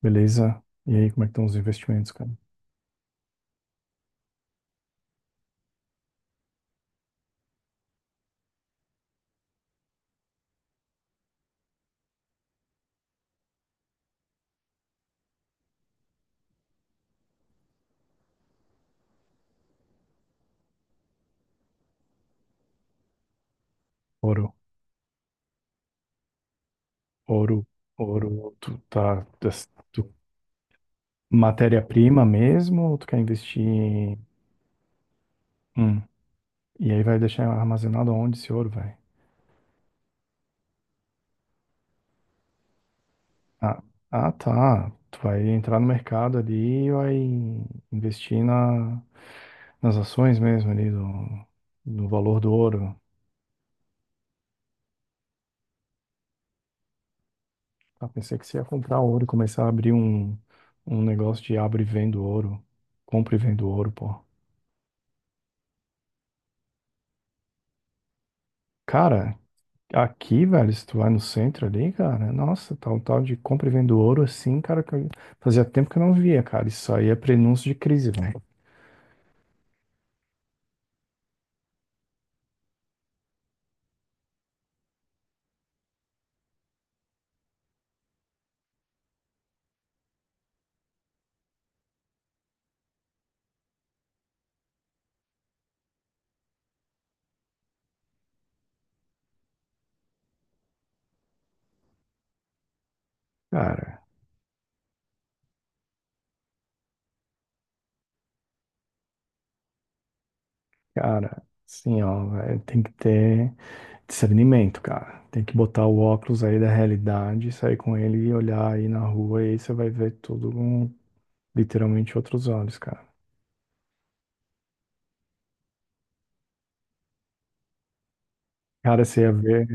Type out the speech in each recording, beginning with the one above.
Beleza? E aí, como é que estão os investimentos, cara? Ouro, ouro, ouro, tu tá, das- tu- matéria-prima mesmo, ou tu quer investir em... Hum, e aí vai deixar armazenado onde esse ouro, vai? Ah, ah, tá, tu vai entrar no mercado ali e vai investir nas ações mesmo ali, do, no valor do ouro. Ah, pensei que você ia comprar ouro e começar a abrir um negócio de abre e vendo ouro, compra e vendo ouro, pô. Cara, aqui, velho, se tu vai no centro ali, cara, nossa, tá um tal de compra e vendo ouro assim, cara, fazia tempo que eu não via, cara. Isso aí é prenúncio de crise, velho. Cara, cara, assim, ó, velho, tem que ter discernimento, cara. Tem que botar o óculos aí da realidade, sair com ele e olhar aí na rua, e aí você vai ver tudo com literalmente outros olhos, cara. Cara, você ia ver.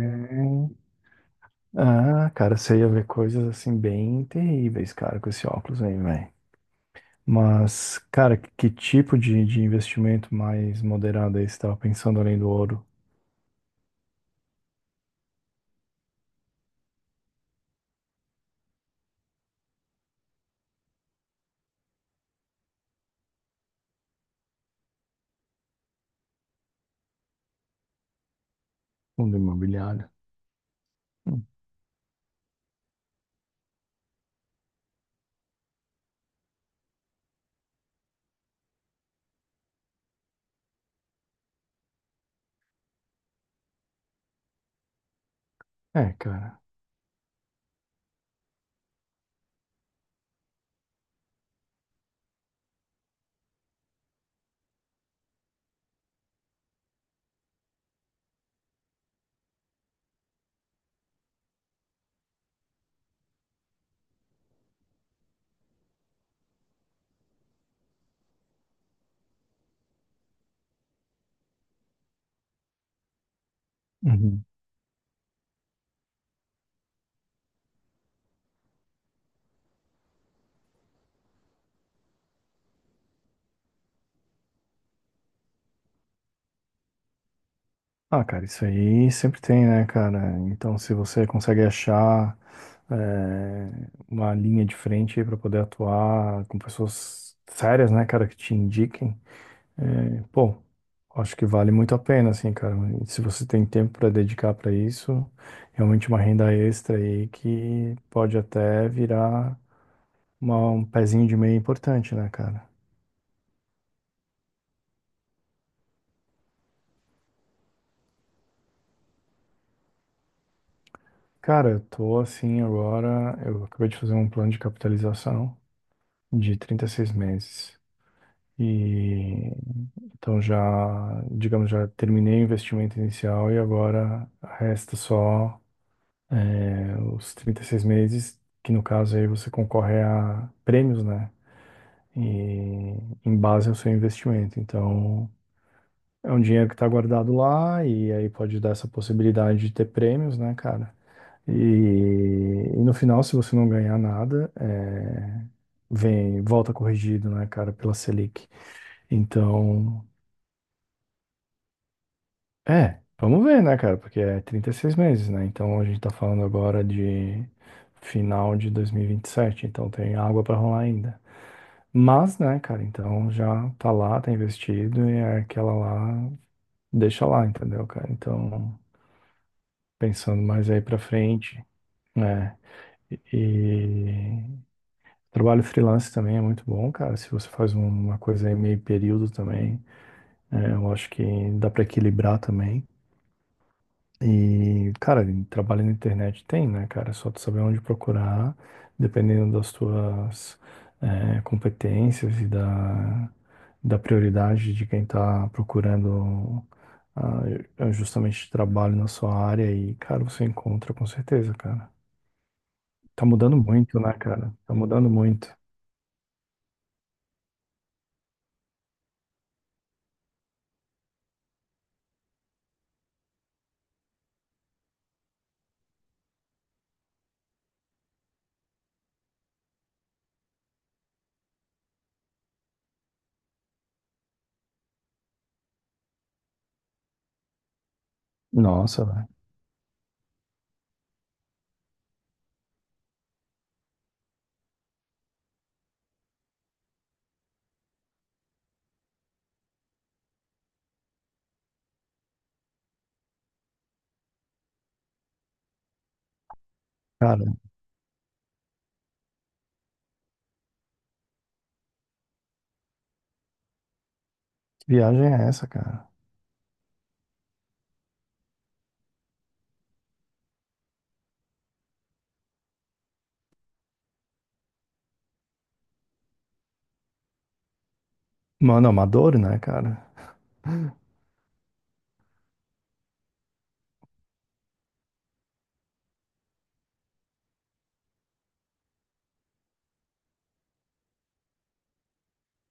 Ah, cara, você ia ver coisas assim bem terríveis, cara, com esse óculos aí, velho. Mas, cara, que tipo de investimento mais moderado aí você estava pensando além do ouro? Fundo imobiliário. Hum, É, cara. Uhum. Ah, cara, isso aí sempre tem, né, cara? Então, se você consegue achar é, uma linha de frente aí para poder atuar com pessoas sérias, né, cara, que te indiquem, é, pô, acho que vale muito a pena, assim, cara. E se você tem tempo para dedicar para isso, realmente uma renda extra aí que pode até virar um pezinho de meia importante, né, cara? Cara, eu tô assim agora. Eu acabei de fazer um plano de capitalização de 36 meses. E então já, digamos, já terminei o investimento inicial e agora resta só. É, os 36 meses, que no caso aí você concorre a prêmios, né? E, em base ao seu investimento. Então, é um dinheiro que está guardado lá e aí pode dar essa possibilidade de ter prêmios, né, cara? E no final, se você não ganhar nada, é, vem, volta corrigido, né, cara, pela Selic. Então, é, vamos ver, né, cara? Porque é 36 meses, né? Então a gente tá falando agora de final de dois mil e vinte e sete. Então tem água pra rolar ainda. Mas, né, cara, então já tá lá, tá investido e é aquela lá, deixa lá, entendeu, cara? Então, pensando mais aí pra frente, né? E trabalho freelance também é muito bom, cara. Se você faz uma coisa aí meio período também, é, eu acho que dá pra equilibrar também. E, cara, em trabalho na internet tem, né, cara? É só tu saber onde procurar, dependendo das tuas competências e da, da prioridade de quem tá procurando ah, é justamente trabalho na sua área. E, cara, você encontra com certeza, cara. Tá mudando muito, né, cara? Tá mudando muito. Nossa, velho. Cara, que viagem é essa, cara? Mano, amador, né, cara?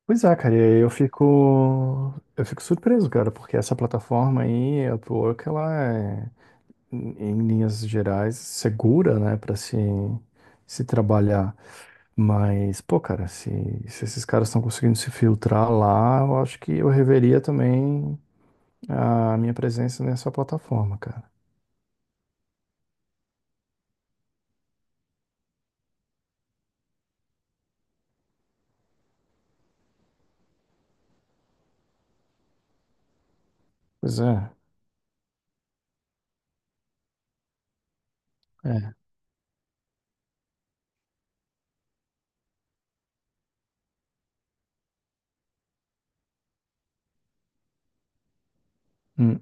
Pois é, cara, e aí eu fico surpreso, cara, porque essa plataforma aí, a Upwork, ela é, em linhas gerais, segura, né, para se trabalhar. Mas, pô, cara, se esses caras estão conseguindo se filtrar lá, eu acho que eu reveria também a minha presença nessa plataforma, cara. Pois é, é. Hum,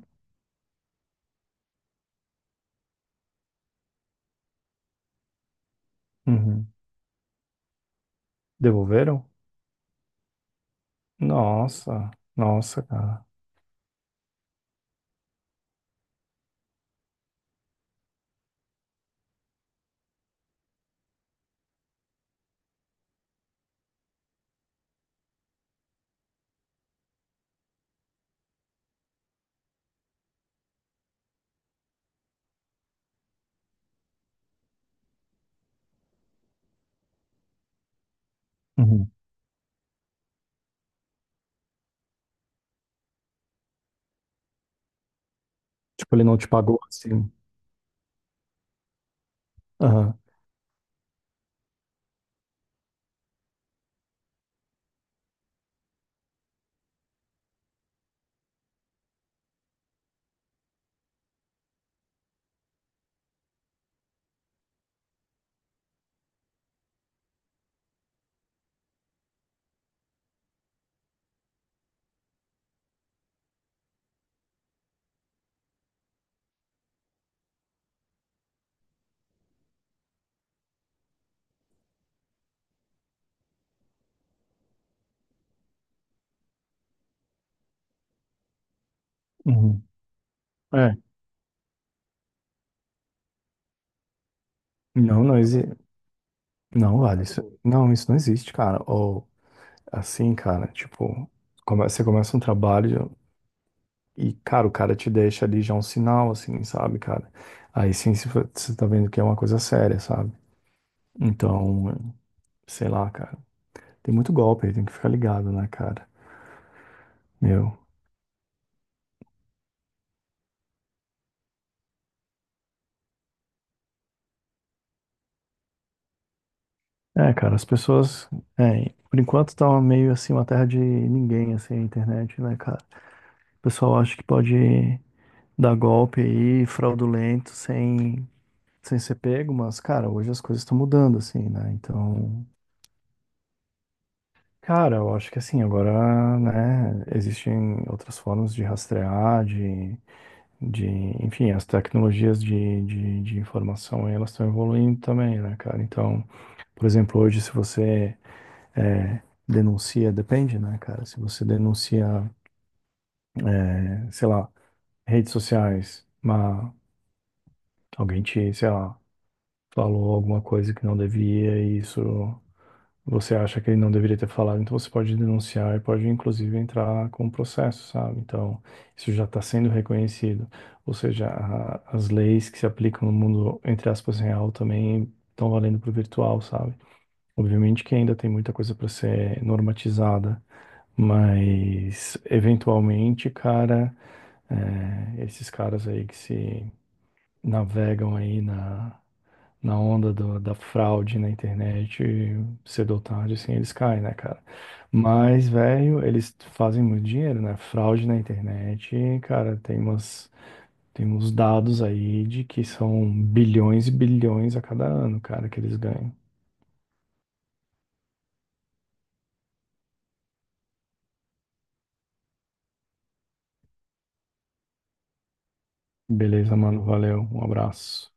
uhum. Devolveram? Nossa, nossa, cara. Uhum. Tipo, ele não te pagou assim. Aham. Uhum. É. Não, não existe. Não, vale. Isso... Não, isso não existe, cara. Ou assim, cara, tipo, você começa um trabalho e, cara, o cara te deixa ali já um sinal, assim, sabe, cara? Aí sim se fo- você tá vendo que é uma coisa séria, sabe? Então, sei lá, cara. Tem muito golpe aí, tem que ficar ligado, né, cara? Meu. É, cara, as pessoas. É, por enquanto tá meio assim uma terra de ninguém, assim, a internet, né, cara? O pessoal acha que pode dar golpe aí, fraudulento, sem ser pego, mas, cara, hoje as coisas estão mudando, assim, né? Então, cara, eu acho que assim, agora, né, existem outras formas de rastrear, de, enfim, as tecnologias de informação, elas estão evoluindo também, né, cara? Então, por exemplo, hoje se você é, denuncia, depende, né, cara? Se você denuncia, é, sei lá, redes sociais, alguém te, sei lá, falou alguma coisa que não devia e isso você acha que ele não deveria ter falado, então você pode denunciar e pode inclusive entrar com um processo, sabe? Então, isso já está sendo reconhecido. Ou seja, as leis que se aplicam no mundo, entre aspas, real também estão valendo para o virtual, sabe? Obviamente que ainda tem muita coisa para ser normatizada, mas eventualmente, cara, é, esses caras aí que se navegam aí na onda da fraude na internet, cedo ou tarde, assim, eles caem, né, cara? Mas, velho, eles fazem muito dinheiro, né? Fraude na internet, cara, tem umas, tem uns dados aí de que são bilhões e bilhões a cada ano, cara, que eles ganham. Beleza, mano, valeu, um abraço.